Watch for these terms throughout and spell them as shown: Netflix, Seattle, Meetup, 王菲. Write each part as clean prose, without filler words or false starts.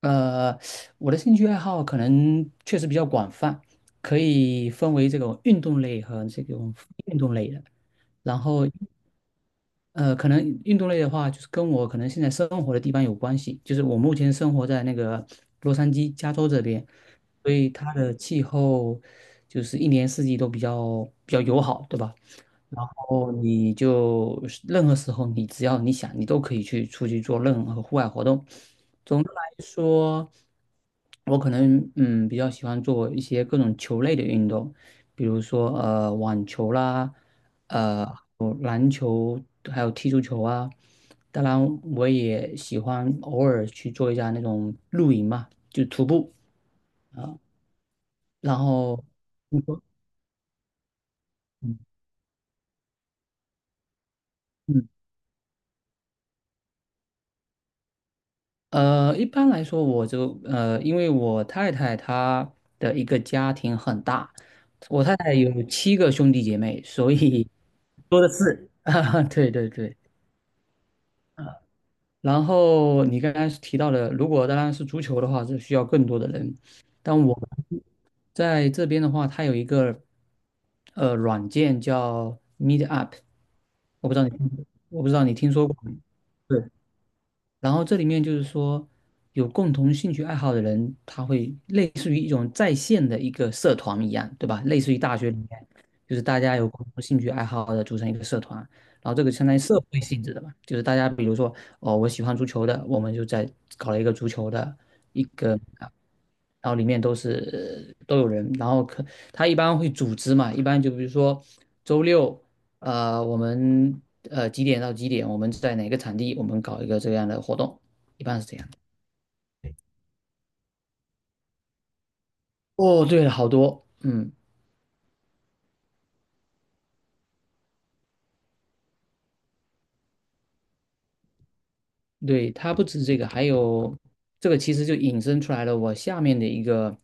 呃，我的兴趣爱好可能确实比较广泛，可以分为这种运动类和这种非运动类的。然后，可能运动类的话，就是跟我可能现在生活的地方有关系，就是我目前生活在那个洛杉矶，加州这边，所以它的气候就是一年四季都比较友好，对吧？哦，你就是任何时候，你只要你想，你都可以去出去做任何户外活动。总的来说，我可能比较喜欢做一些各种球类的运动，比如说网球啦，还有踢足球啊。当然，我也喜欢偶尔去做一下那种露营嘛，就徒步。然后你说，嗯嗯一般来说，因为我太太她的一个家庭很大，我太太有7个兄弟姐妹，所以多的是。啊，对对对。然后你刚刚提到的，如果当然是足球的话，是需要更多的人。但我们在这边的话，它有一个软件叫 Meetup，我不知道你听说过没？然后这里面就是说，有共同兴趣爱好的人，他会类似于一种在线的一个社团一样，对吧？类似于大学里面，就是大家有共同兴趣爱好的组成一个社团，然后这个相当于社会性质的嘛，就是大家比如说，哦，我喜欢足球的，我们就在搞了一个足球的一个。然后里面都是都有人，然后他一般会组织嘛，一般就比如说周六。我们几点到几点？我们在哪个场地？我们搞一个这样的活动，一般是这样的。哦，对了，好多，嗯，对，它不止这个，还有这个其实就引申出来了我下面的一个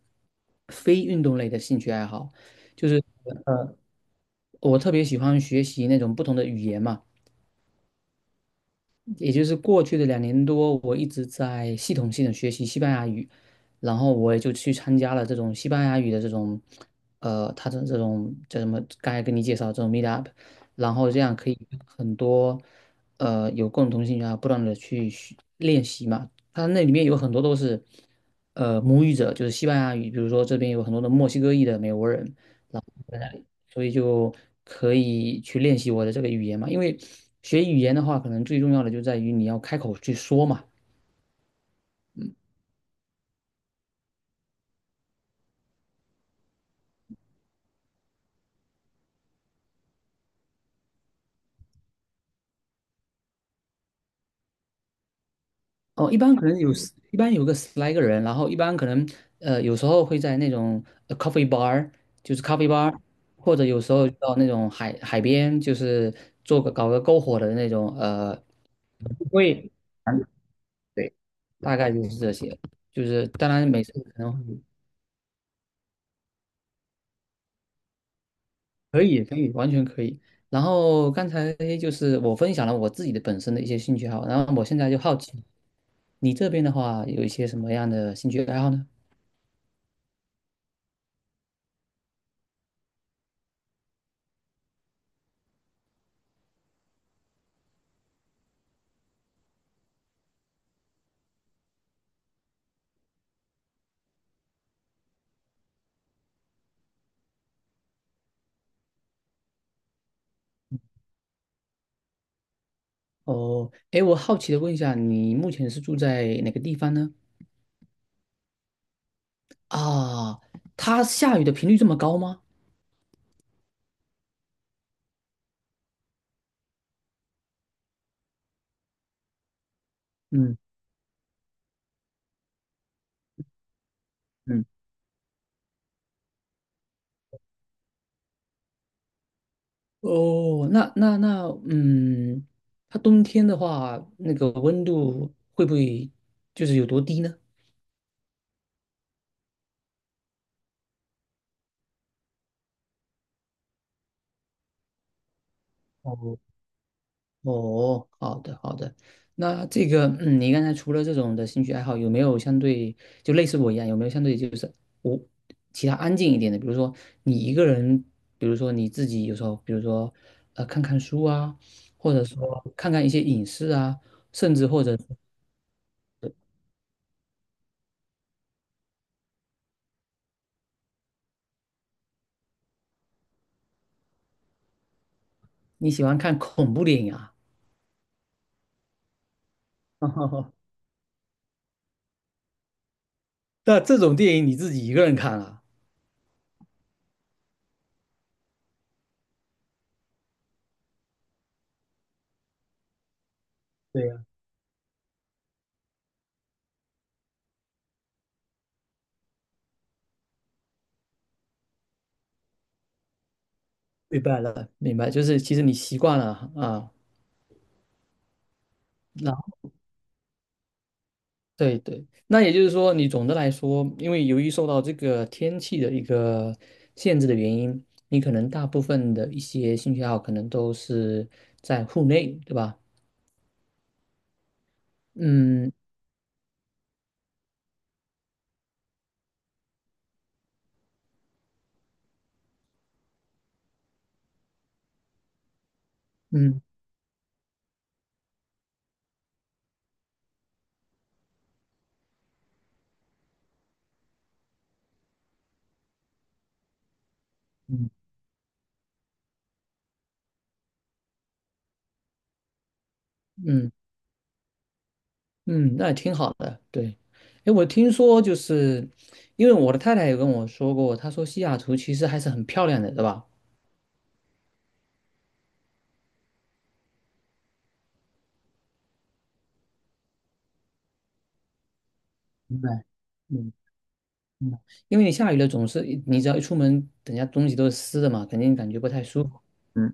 非运动类的兴趣爱好，就是我特别喜欢学习那种不同的语言嘛。也就是过去的2年多，我一直在系统性的学习西班牙语，然后我也就去参加了这种西班牙语的这种，他的这种叫什么？刚才跟你介绍这种 meet up，然后这样可以跟很多，有共同兴趣啊，不断的去学练习嘛。他那里面有很多都是，母语者，就是西班牙语，比如说这边有很多的墨西哥裔的美国人，在那里，所以就可以去练习我的这个语言嘛。因为学语言的话，可能最重要的就在于你要开口去说嘛。哦，一般有个10来个人，然后一般可能有时候会在那种coffee bar，就是咖啡 bar，或者有时候到那种海边，就是搞个篝火的那种，会，对，大概就是这些。就是当然每次可能会。可以，可以，完全可以。然后刚才就是我分享了我自己的本身的一些兴趣爱好，然后我现在就好奇，你这边的话有一些什么样的兴趣爱好呢？哦，哎，我好奇的问一下，你目前是住在哪个地方呢？啊，它下雨的频率这么高吗？嗯嗯。哦，那那那，嗯，它冬天的话，那个温度会不会就是有多低呢？哦，哦，好的好的，那这个，你刚才除了这种的兴趣爱好，有没有相对就类似我一样，有没有相对就是我其他安静一点的？比如说你一个人，比如说你自己有时候，比如说看看书啊，或者说看看一些影视啊，甚至或者你喜欢看恐怖电影啊，那这种电影你自己一个人看啊？对呀，明白了，明白，就是其实你习惯了啊。啊那。对对，那也就是说，你总的来说，因为由于受到这个天气的一个限制的原因，你可能大部分的一些兴趣爱好可能都是在户内，对吧？嗯嗯嗯嗯嗯，那也挺好的。对，哎，我听说就是，因为我的太太也跟我说过，她说西雅图其实还是很漂亮的，对吧？明白。嗯嗯，因为你下雨了，总是你只要一出门，等下东西都是湿的嘛，肯定感觉不太舒服。嗯。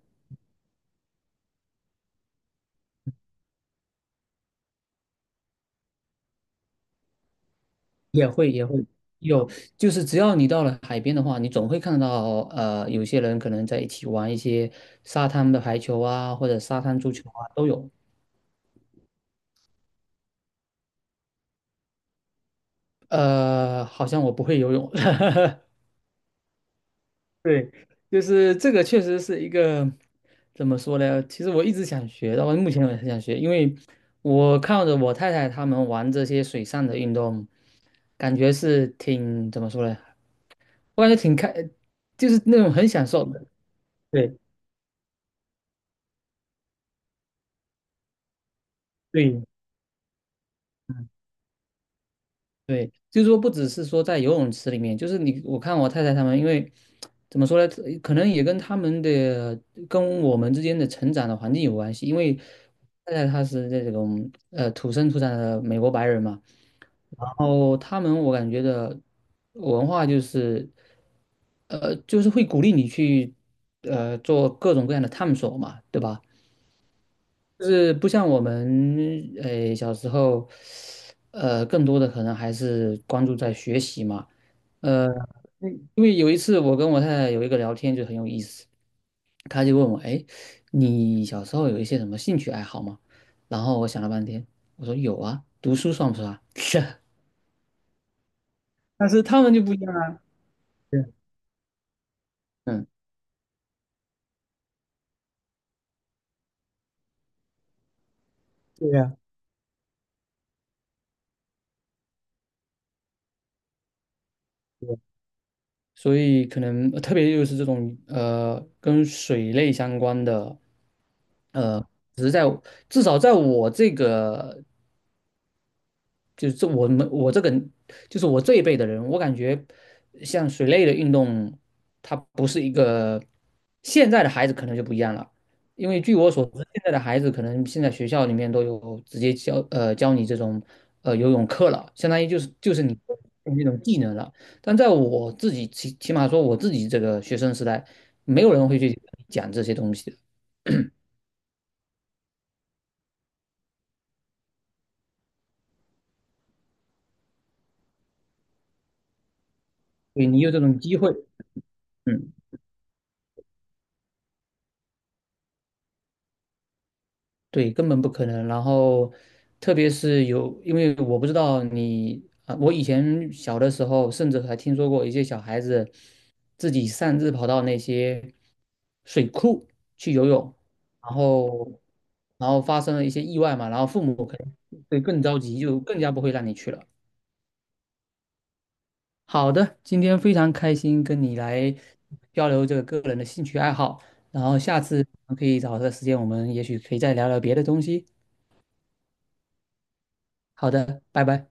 也会有，就是只要你到了海边的话，你总会看到有些人可能在一起玩一些沙滩的排球啊，或者沙滩足球啊，都有。好像我不会游泳，对，就是这个确实是一个怎么说呢？其实我一直想学，到目前我也很想学，因为我看着我太太他们玩这些水上的运动，感觉是挺怎么说呢？我感觉挺开，就是那种很享受的。对对。对，就是说不只是说在游泳池里面，就是你我看我太太他们，因为怎么说呢，可能也跟他们的跟我们之间的成长的环境有关系。因为太太她是这种土生土长的美国白人嘛，然后他们我感觉的文化就是会鼓励你去做各种各样的探索嘛，对吧？就是不像我们小时候更多的可能还是关注在学习嘛。呃，因为有一次我跟我太太有一个聊天就很有意思，她就问我，哎，你小时候有一些什么兴趣爱好吗？然后我想了半天，我说有啊，读书算不算啊？但是他们就不一样啊。对，嗯，对呀，对呀所以可能特别就是这种跟水类相关的，呃，只是在至少在我这个就是这我们我这个就是我这一辈的人，我感觉像水类的运动，它不是一个现在的孩子可能就不一样了，因为据我所知，现在的孩子可能现在学校里面都有直接教你这种游泳课了，相当于就是你那种技能了。但在我自己起码说我自己这个学生时代，没有人会去讲这些东西的，所以你有这种机会，嗯。对，根本不可能。然后，特别是有，因为我不知道你啊，我以前小的时候，甚至还听说过一些小孩子自己擅自跑到那些水库去游泳，然后，然后发生了一些意外嘛，然后父母可能会更着急，就更加不会让你去了。好的，今天非常开心跟你来交流这个个人的兴趣爱好，然后下次可以找个时间，我们也许可以再聊聊别的东西。好的，拜拜。